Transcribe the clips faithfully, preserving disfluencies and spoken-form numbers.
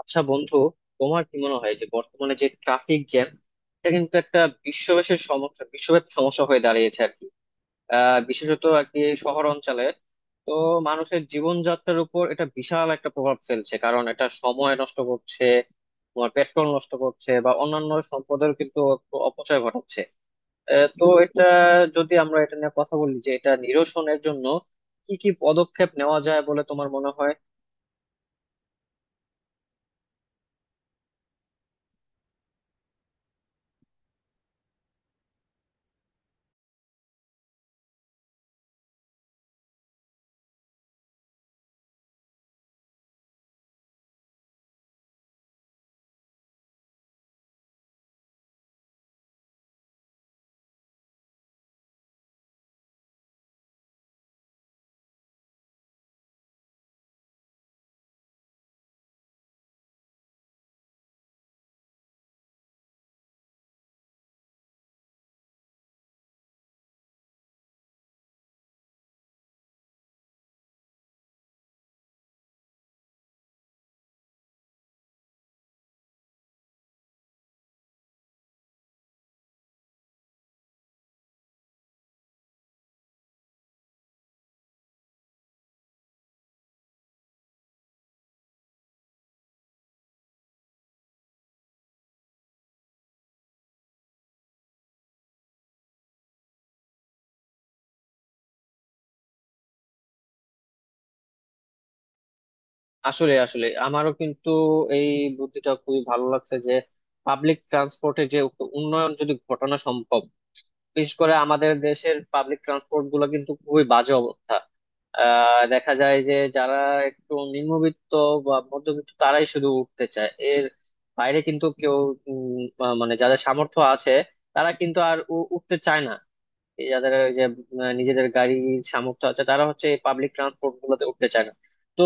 আচ্ছা বন্ধু, তোমার কি মনে হয় যে বর্তমানে যে ট্রাফিক জ্যাম, এটা কিন্তু একটা বিশ্বব্যাপী সমস্যা বিশ্বব্যাপী সমস্যা হয়ে দাঁড়িয়েছে আর কি। আহ বিশেষত আর কি শহর অঞ্চলে। তো মানুষের জীবনযাত্রার উপর এটা বিশাল একটা প্রভাব ফেলছে, কারণ এটা সময় নষ্ট করছে, তোমার পেট্রোল নষ্ট করছে বা অন্যান্য সম্পদের কিন্তু অপ- অপচয় ঘটাচ্ছে। আহ, তো এটা, যদি আমরা এটা নিয়ে কথা বলি যে এটা নিরসনের জন্য কি কি পদক্ষেপ নেওয়া যায় বলে তোমার মনে হয়? আসলে আসলে আমারও কিন্তু এই বুদ্ধিটা খুবই ভালো লাগছে যে পাবলিক ট্রান্সপোর্টে যে উ- উন্নয়ন যদি ঘটানো সম্ভব। বিশেষ করে আমাদের দেশের পাবলিক ট্রান্সপোর্ট গুলো কিন্তু খুবই বাজে অবস্থা। আহ দেখা যায় যে যারা একটু নিম্নবিত্ত বা মধ্যবিত্ত তারাই শুধু উঠতে চায়, এর বাইরে কিন্তু কেউ উম, আহ, মানে যাদের সামর্থ্য আছে তারা কিন্তু আর উ- উঠতে চায় না। এই যাদের ওই যে আহ, নিজেদের গাড়ির সামর্থ্য আছে তারা হচ্ছে এই পাবলিক ট্রান্সপোর্ট গুলোতে উঠতে চায় না। তো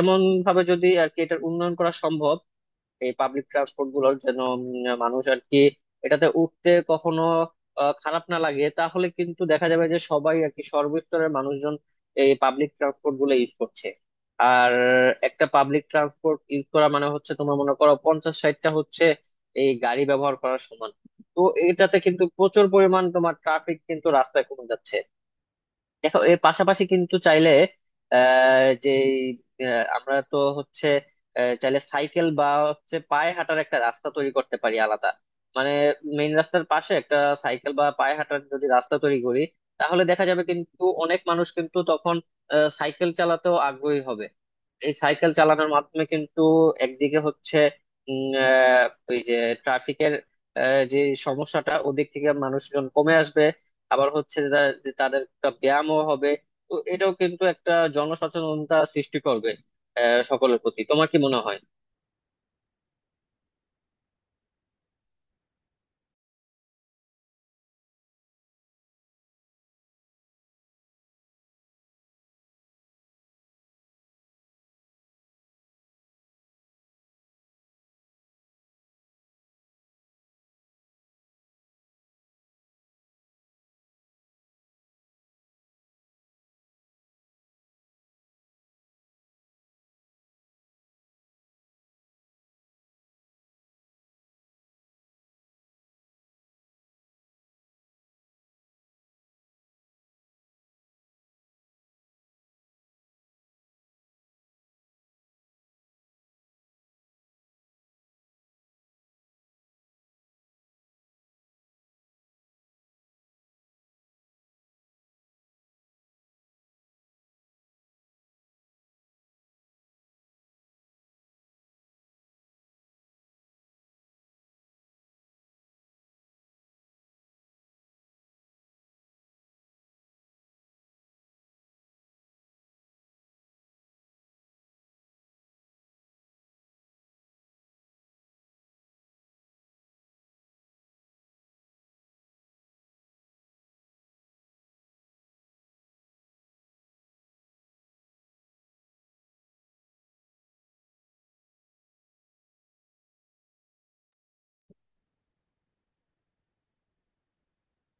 এমন ভাবে যদি আর কি এটার উন্নয়ন করা সম্ভব এই পাবলিক ট্রান্সপোর্ট গুলোর, যেন উম, মানুষ আর কি এটাতে উঠতে কখনো আহ, খারাপ না লাগে, তাহলে কিন্তু দেখা যাবে যে সবাই আর কি সর্বস্তরের মানুষজন এই পাবলিক ট্রান্সপোর্ট গুলো ইউজ করছে। আর একটা পাবলিক ট্রান্সপোর্ট ইউজ করা মানে হচ্ছে তোমার মনে করো পঞ্চাশ ষাটটা হচ্ছে এই গাড়ি ব্যবহার করার সমান। তো এটাতে কিন্তু প্রচুর পরিমাণ তোমার ট্রাফিক কিন্তু রাস্তায় কমে যাচ্ছে। দেখো এর পাশাপাশি কিন্তু চাইলে আহ যে আহ, আমরা তো হচ্ছে আহ, চাইলে সাইকেল বা হচ্ছে পায়ে হাঁটার একটা রাস্তা তৈরি করতে পারি আলাদা। মানে মেইন রাস্তার পাশে একটা সাইকেল বা পায়ে হাঁটার যদি রাস্তা তৈরি করি, তাহলে দেখা যাবে কিন্তু অনেক মানুষ কিন্তু তখন আহ, সাইকেল চালাতেও আগ্রহী হবে। এই সাইকেল চালানোর মাধ্যমে কিন্তু একদিকে হচ্ছে উম, আহ, ওই যে ট্রাফিকের যে সমস্যাটা ওদিক থেকে মানুষজন কমে আসবে, আবার হচ্ছে যে তা- যে তাদের একটা ব্যায়ামও হবে। তো এটাও কিন্তু একটা জনসচেতনতা সৃষ্টি করবে আহ, সকলের প্রতি। তোমার কি মনে হয়?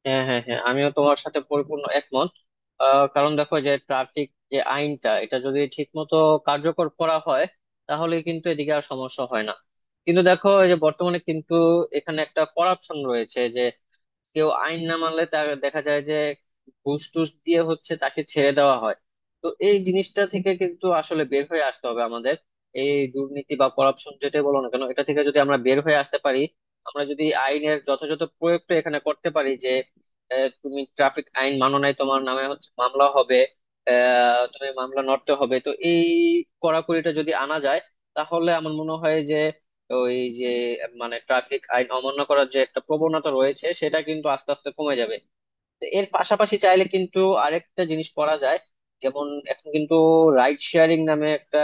হ্যাঁ হ্যাঁ হ্যাঁ, আমিও তোমার সাথে পরিপূর্ণ একমত। আহ, কারণ দেখো যে ট্রাফিক যে আইনটা, এটা যদি ঠিক মতো কার্যকর করা হয় তাহলে কিন্তু এদিকে আর সমস্যা হয় না। কিন্তু দেখো এই যে বর্তমানে কিন্তু এখানে একটা করাপশন রয়েছে, কেউ আইন না মানলে তার দেখা যায় যে ঘুষ টুস দিয়ে হচ্ছে তাকে ছেড়ে দেওয়া হয়। তো এই জিনিসটা থেকে কিন্তু আসলে বের হয়ে আসতে হবে আমাদের। এই দুর্নীতি বা করাপশন যেটাই বলো না কেন, এটা থেকে যদি আমরা বের হয়ে আসতে পারি, আমরা যদি আইনের যথাযথ প্রয়োগটা এখানে করতে পারি যে আহ, তুমি ট্রাফিক আইন মানো নাই তোমার নামে হচ্ছে মামলা হবে, আহ তুমি মামলা নড়তে হবে, তো এই কড়াকড়িটা যদি আনা যায় তাহলে আমার মনে হয় যে ওই যে মানে ট্রাফিক আইন অমান্য করার যে একটা প্রবণতা রয়েছে সেটা কিন্তু আস্তে আস্তে কমে যাবে। তো এর পাশাপাশি চাইলে কিন্তু আরেকটা জিনিস করা যায়, যেমন এখন কিন্তু রাইড শেয়ারিং নামে একটা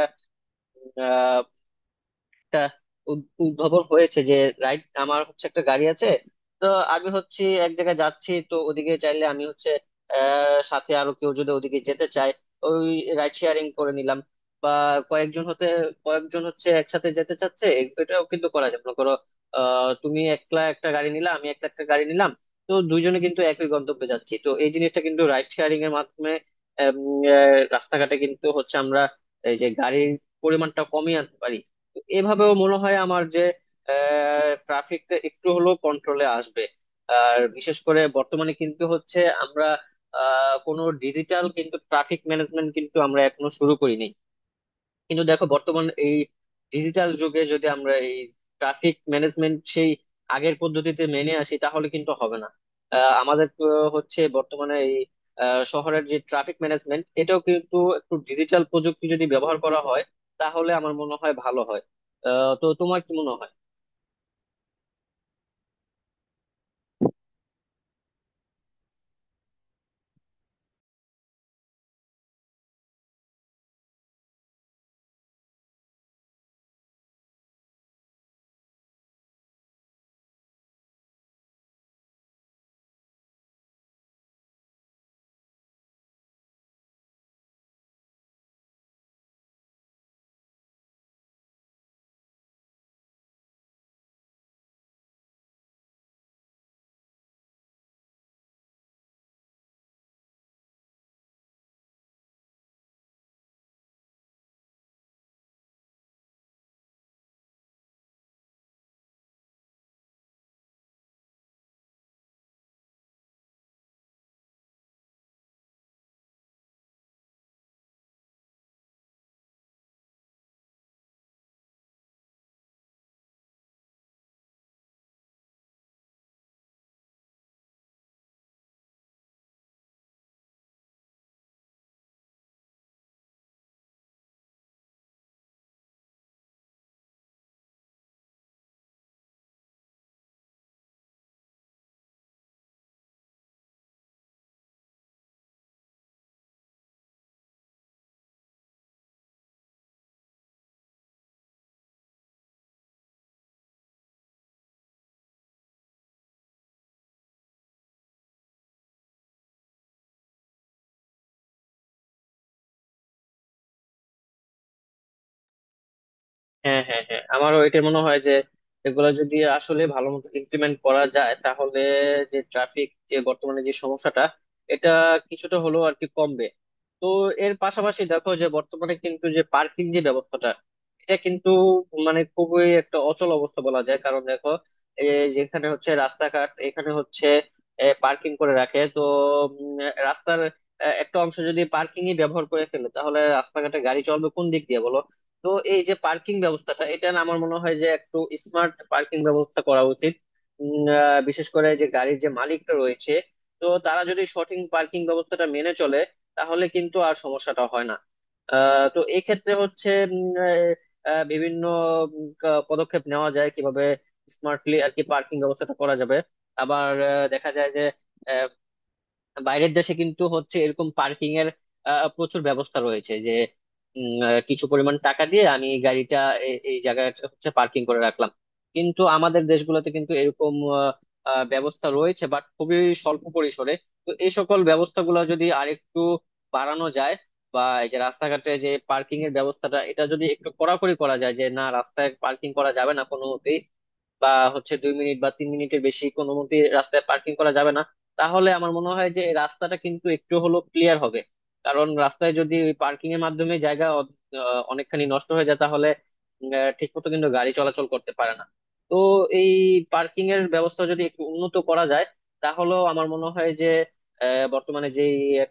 একটা উদ- উদ্ভাবন হয়েছে যে রাইট আমার হচ্ছে একটা গাড়ি আছে, তো আমি হচ্ছে এক জায়গায় যাচ্ছি তো ওদিকে চাইলে আমি হচ্ছে আহ সাথে আরো কেউ যদি ওদিকে যেতে চায় ওই রাইড শেয়ারিং করে নিলাম। বা কয়েকজন হতে কয়েকজন হচ্ছে একসাথে যেতে চাচ্ছে, এ- এটাও কিন্তু করা যায়। মনে করো আহ তুমি একলা একটা গাড়ি নিলা, আমি একটা একটা গাড়ি নিলাম, তো দুইজনে কিন্তু একই গন্তব্যে যাচ্ছি, তো এই জিনিসটা কিন্তু রাইড শেয়ারিং এর মাধ্যমে আম, আহ, রাস্তাঘাটে কিন্তু হচ্ছে আমরা এই যে গাড়ির পরিমাণটা কমিয়ে আনতে পারি। এভাবেও মনে হয় আমার যে ট্রাফিকটা একটু হলেও কন্ট্রোলে আসবে। আর বিশেষ করে বর্তমানে কিন্তু হচ্ছে আমরা আহ, কোনো ডিজিটাল কিন্তু ট্রাফিক ম্যানেজমেন্ট কিন্তু আমরা এখনো শুরু করিনি। কিন্তু দেখো বর্তমান এই ডিজিটাল যুগে যদি আমরা এই ট্রাফিক ম্যানেজমেন্ট সেই আগের পদ্ধতিতে মেনে আসি তাহলে কিন্তু হবে না। আহ, আমাদের আহ, হচ্ছে বর্তমানে এই আহ, শহরের যে ট্রাফিক ম্যানেজমেন্ট এটাও কিন্তু একটু ডিজিটাল প্রযুক্তি যদি ব্যবহার করা হয় তাহলে আমার মনে হয় ভালো হয়। আহ, তো তোমার কি মনে হয়? হ্যাঁ হ্যাঁ হ্যাঁ, আমারও এটা মনে হয় যে এগুলো যদি আসলে ভালো মতো ইমপ্লিমেন্ট করা যায় তাহলে যে ট্রাফিক যে বর্তমানে যে সমস্যাটা, এটা কিছুটা হলেও আর কি কমবে। তো এর পাশাপাশি দেখো যে বর্তমানে কিন্তু যে পার্কিং যে ব্যবস্থাটা, এটা কিন্তু মানে খুবই একটা অচল অবস্থা বলা যায়। কারণ দেখো এই যেখানে হচ্ছে রাস্তাঘাট এখানে হচ্ছে পার্কিং করে রাখে তো উম, রাস্তার আহ, একটা অংশ যদি পার্কিংই ব্যবহার করে ফেলে তাহলে রাস্তাঘাটে গাড়ি চলবে কোন দিক দিয়ে বলো। তো এই যে পার্কিং ব্যবস্থাটা, এটা না আমার মনে হয় যে একটু স্মার্ট পার্কিং ব্যবস্থা করা উচিত। উম, আহ, বিশেষ করে যে গাড়ির যে মালিকটা রয়েছে, তো তারা যদি সঠিক পার্কিং ব্যবস্থাটা মেনে চলে তাহলে কিন্তু আর সমস্যাটা হয় না। আহ, তো এই ক্ষেত্রে হচ্ছে উম, আহ, আহ, বিভিন্ন উম, কা- পদক্ষেপ নেওয়া যায় কিভাবে স্মার্টলি আর কি পার্কিং ব্যবস্থাটা করা যাবে। আবার আহ, দেখা যায় যে বাইরের দেশে কিন্তু হচ্ছে এরকম পার্কিং এর আহ, প্রচুর ব্যবস্থা রয়েছে যে উম, আহ, কিছু পরিমাণ টাকা দিয়ে আমি গাড়িটা এ- এই জায়গায় হচ্ছে পার্কিং করে রাখলাম। কিন্তু আমাদের দেশগুলোতে কিন্তু এরকম আহ, আহ, ব্যবস্থা রয়েছে বাট খুবই স্বল্প পরিসরে। তো এই সকল ব্যবস্থাগুলো যদি আরেকটু বাড়ানো যায়, বা এই যে রাস্তাঘাটে যে পার্কিং এর ব্যবস্থাটা এটা যদি একটু কড়াকড়ি করা যায় যে না, রাস্তায় পার্কিং করা যাবে না কোনো, বা হচ্ছে দুই মিনিট বা তিন মিনিটের বেশি কোনো মতে রাস্তায় পার্কিং করা যাবে না, তাহলে আমার মনে হয় যে এই রাস্তাটা কিন্তু একটু হলো ক্লিয়ার হবে। কারণ রাস্তায় যদি পার্কিং এর মাধ্যমে জায়গা অ- আহ, অনেকখানি নষ্ট হয়ে যায় তাহলে ঠিক মতো কিন্তু গাড়ি চলাচল করতে পারে না। তো এই পার্কিং এর ব্যবস্থা যদি একটু উন্নত করা যায় তাহলেও আমার মনে হয় যে আহ, বর্তমানে যে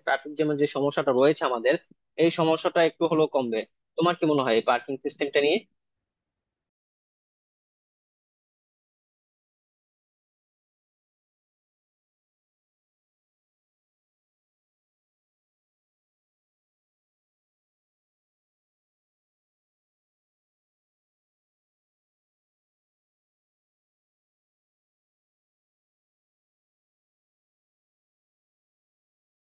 ট্রাফিক জ্যামের যে সমস্যাটা রয়েছে আমাদের, এই সমস্যাটা একটু হলেও কমবে। তোমার কি মনে হয় এই পার্কিং সিস্টেমটা নিয়ে?